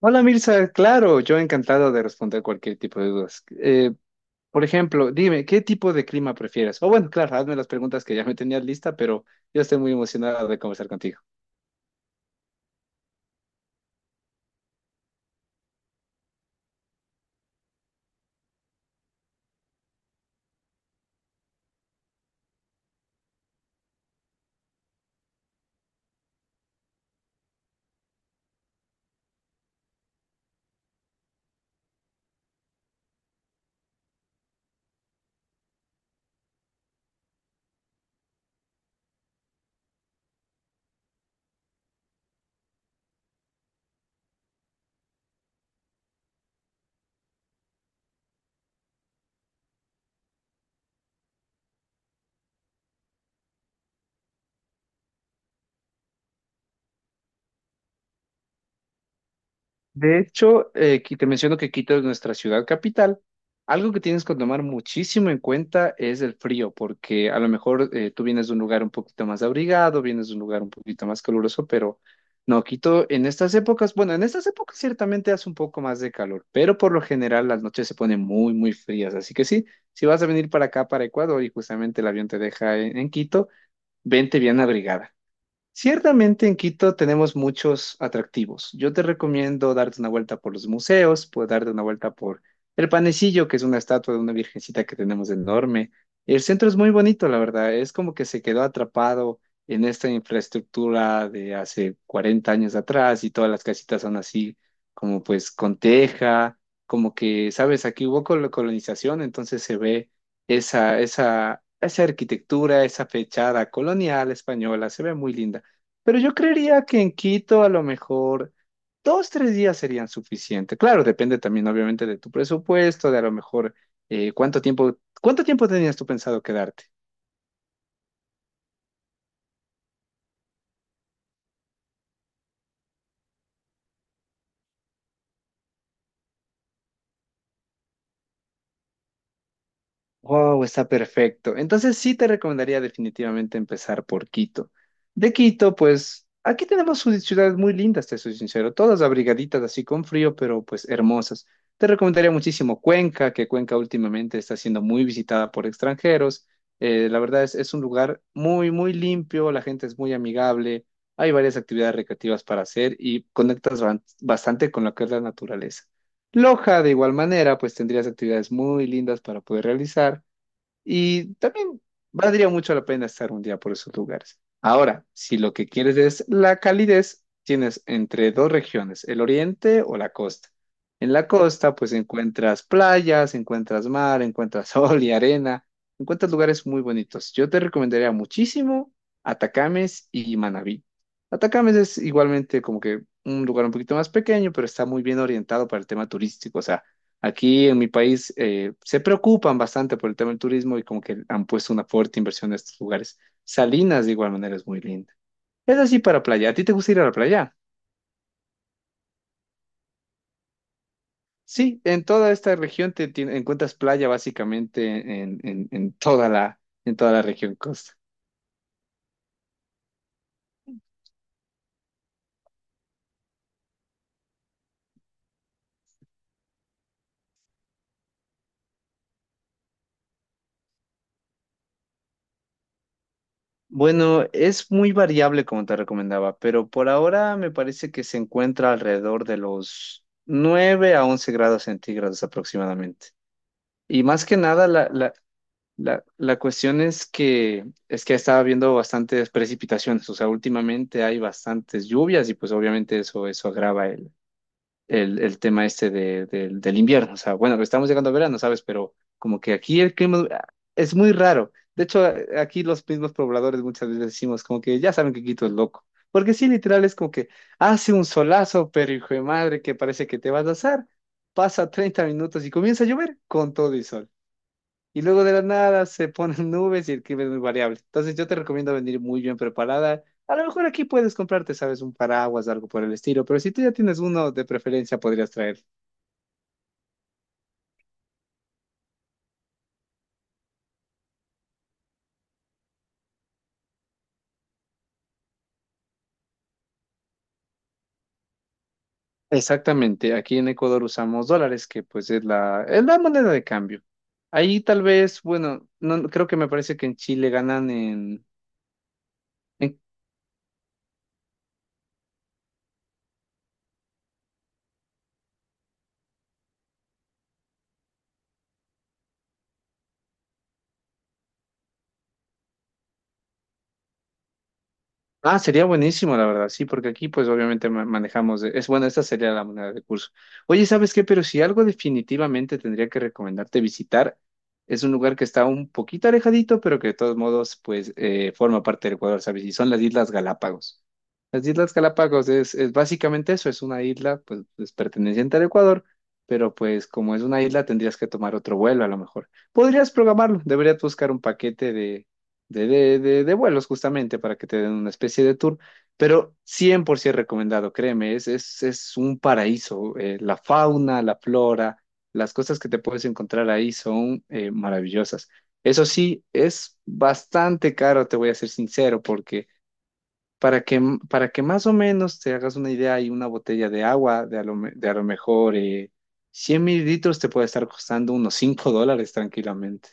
Hola Mirza, claro, yo encantado de responder cualquier tipo de dudas. Por ejemplo, dime, ¿qué tipo de clima prefieres? O bueno, claro, hazme las preguntas que ya me tenías lista, pero yo estoy muy emocionado de conversar contigo. De hecho, aquí te menciono que Quito es nuestra ciudad capital. Algo que tienes que tomar muchísimo en cuenta es el frío, porque a lo mejor tú vienes de un lugar un poquito más abrigado, vienes de un lugar un poquito más caluroso, pero no, Quito en estas épocas, bueno, en estas épocas ciertamente hace un poco más de calor, pero por lo general las noches se ponen muy, muy frías. Así que sí, si vas a venir para acá, para Ecuador, y justamente el avión te deja en Quito, vente bien abrigada. Ciertamente en Quito tenemos muchos atractivos. Yo te recomiendo darte una vuelta por los museos, puedes darte una vuelta por el Panecillo, que es una estatua de una virgencita que tenemos enorme. El centro es muy bonito, la verdad. Es como que se quedó atrapado en esta infraestructura de hace 40 años atrás y todas las casitas son así, como pues con teja, como que, sabes, aquí hubo colonización, entonces se ve esa arquitectura, esa fechada colonial española, se ve muy linda. Pero yo creería que en Quito a lo mejor dos, tres días serían suficientes. Claro, depende también obviamente de tu presupuesto, de a lo mejor cuánto tiempo tenías tú pensado quedarte. Wow, está perfecto. Entonces sí te recomendaría definitivamente empezar por Quito. De Quito, pues aquí tenemos ciudades muy lindas, te soy sincero, todas abrigaditas así con frío, pero pues hermosas. Te recomendaría muchísimo Cuenca, que Cuenca últimamente está siendo muy visitada por extranjeros. La verdad es un lugar muy, muy limpio, la gente es muy amigable, hay varias actividades recreativas para hacer y conectas bastante con lo que es la naturaleza. Loja, de igual manera, pues tendrías actividades muy lindas para poder realizar. Y también valdría mucho la pena estar un día por esos lugares. Ahora, si lo que quieres es la calidez, tienes entre dos regiones, el oriente o la costa. En la costa, pues encuentras playas, encuentras mar, encuentras sol y arena, encuentras lugares muy bonitos. Yo te recomendaría muchísimo Atacames y Manabí. Atacames es igualmente como que un lugar un poquito más pequeño, pero está muy bien orientado para el tema turístico. O sea, aquí en mi país se preocupan bastante por el tema del turismo y como que han puesto una fuerte inversión en estos lugares. Salinas de igual manera es muy linda. Es así para playa. ¿A ti te gusta ir a la playa? Sí, en toda esta región encuentras playa básicamente en toda la región costa. Bueno, es muy variable como te recomendaba, pero por ahora me parece que se encuentra alrededor de los 9 a 11 grados centígrados aproximadamente. Y más que nada, la cuestión es que estaba viendo bastantes precipitaciones, o sea, últimamente hay bastantes lluvias y pues obviamente eso agrava el tema este de, del invierno. O sea, bueno, estamos llegando a verano, ¿sabes? Pero como que aquí el clima es muy raro. De hecho, aquí los mismos pobladores muchas veces decimos como que ya saben que Quito es loco. Porque sí, literal es como que hace un solazo, pero hijo de madre, que parece que te vas a asar. Pasa 30 minutos y comienza a llover con todo y sol. Y luego de la nada se ponen nubes y el clima es muy variable. Entonces yo te recomiendo venir muy bien preparada. A lo mejor aquí puedes comprarte, sabes, un paraguas, algo por el estilo, pero si tú ya tienes uno, de preferencia podrías traer. Exactamente, aquí en Ecuador usamos dólares, que pues es la moneda de cambio. Ahí tal vez, bueno, no, creo que me parece que en Chile ganan en, en. Sería buenísimo, la verdad, sí, porque aquí pues obviamente manejamos, es bueno, esta sería la moneda de curso. Oye, ¿sabes qué? Pero si algo definitivamente tendría que recomendarte visitar, es un lugar que está un poquito alejadito, pero que de todos modos pues forma parte del Ecuador, ¿sabes? Y son las Islas Galápagos. Las Islas Galápagos es básicamente eso, es una isla pues, perteneciente al Ecuador, pero pues como es una isla tendrías que tomar otro vuelo a lo mejor. Podrías programarlo, deberías buscar un paquete de vuelos justamente para que te den una especie de tour, pero 100% recomendado, créeme, es un paraíso. La fauna, la flora, las cosas que te puedes encontrar ahí son maravillosas. Eso sí, es bastante caro, te voy a ser sincero, porque para que, para que más o menos te hagas una idea, hay una botella de agua de a lo mejor 100 mililitros te puede estar costando unos $5 tranquilamente.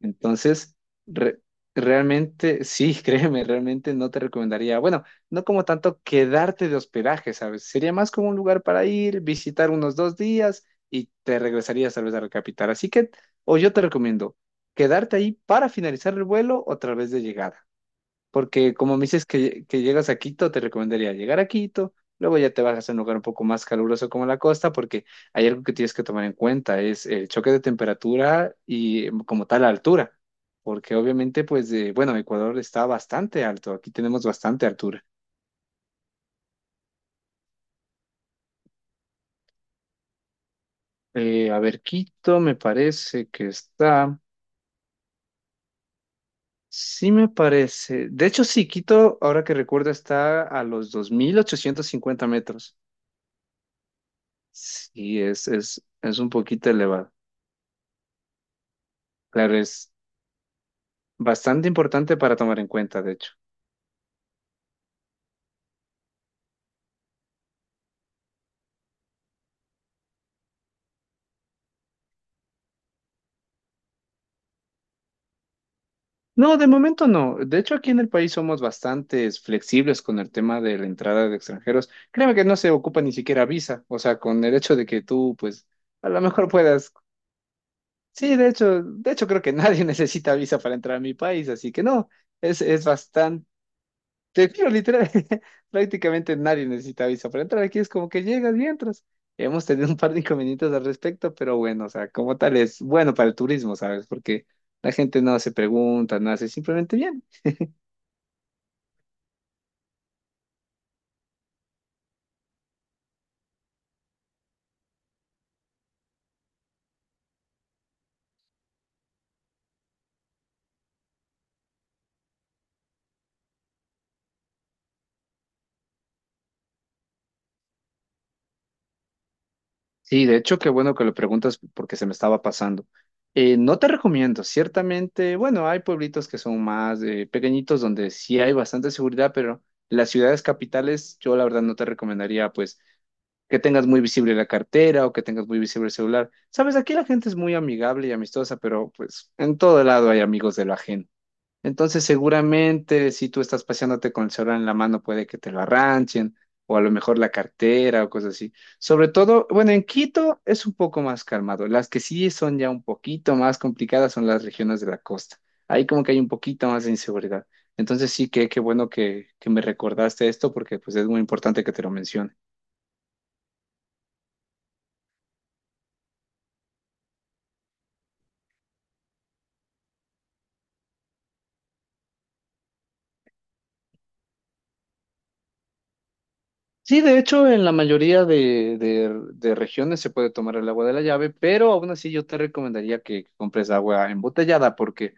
Entonces, re- realmente, sí, créeme, realmente no te recomendaría, bueno, no como tanto quedarte de hospedaje, ¿sabes? Sería más como un lugar para ir, visitar unos dos días y te regresarías tal vez a la capital. Así que, o yo te recomiendo quedarte ahí para finalizar el vuelo o tal vez de llegada. Porque como me dices que llegas a Quito, te recomendaría llegar a Quito, luego ya te bajas a un lugar un poco más caluroso como la costa, porque hay algo que tienes que tomar en cuenta, es el choque de temperatura y como tal la altura, porque obviamente pues, bueno, Ecuador está bastante alto, aquí tenemos bastante altura. A ver, Quito me parece que está, sí me parece, de hecho sí, Quito, ahora que recuerdo, está a los 2850 metros. Sí, es un poquito elevado. Claro, es bastante importante para tomar en cuenta, de hecho. No, de momento no. De hecho, aquí en el país somos bastante flexibles con el tema de la entrada de extranjeros. Créeme que no se ocupa ni siquiera visa. O sea, con el hecho de que tú, pues, a lo mejor puedas. Sí, de hecho creo que nadie necesita visa para entrar a mi país, así que no, es bastante. Te juro, literal, prácticamente nadie necesita visa para entrar. Aquí es como que llegas y entras. Hemos tenido un par de inconvenientes al respecto, pero bueno, o sea, como tal es bueno para el turismo, ¿sabes? Porque la gente no se pregunta, no hace simplemente bien. Sí, de hecho, qué bueno que lo preguntas porque se me estaba pasando. No te recomiendo, ciertamente, bueno, hay pueblitos que son más pequeñitos donde sí hay bastante seguridad, pero las ciudades capitales yo la verdad no te recomendaría, pues que tengas muy visible la cartera o que tengas muy visible el celular. Sabes, aquí la gente es muy amigable y amistosa, pero pues en todo lado hay amigos de lo ajeno. Entonces, seguramente si tú estás paseándote con el celular en la mano, puede que te lo arranchen o a lo mejor la cartera o cosas así. Sobre todo, bueno, en Quito es un poco más calmado. Las que sí son ya un poquito más complicadas son las regiones de la costa. Ahí como que hay un poquito más de inseguridad. Entonces sí que qué bueno que me recordaste esto porque pues es muy importante que te lo mencione. Sí, de hecho, en la mayoría de regiones se puede tomar el agua de la llave, pero aún así yo te recomendaría que compres agua embotellada porque,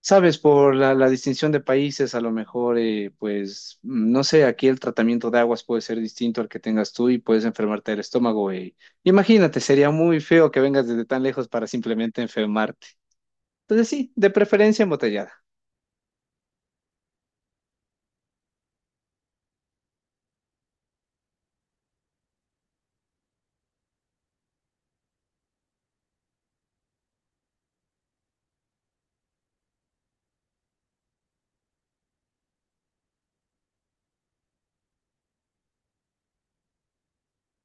sabes, por la distinción de países, a lo mejor, pues, no sé, aquí el tratamiento de aguas puede ser distinto al que tengas tú y puedes enfermarte del estómago. Imagínate, sería muy feo que vengas desde tan lejos para simplemente enfermarte. Entonces, sí, de preferencia embotellada.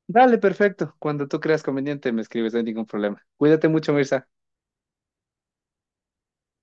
Dale, perfecto. Cuando tú creas conveniente, me escribes, no hay ningún problema. Cuídate mucho, Mirza.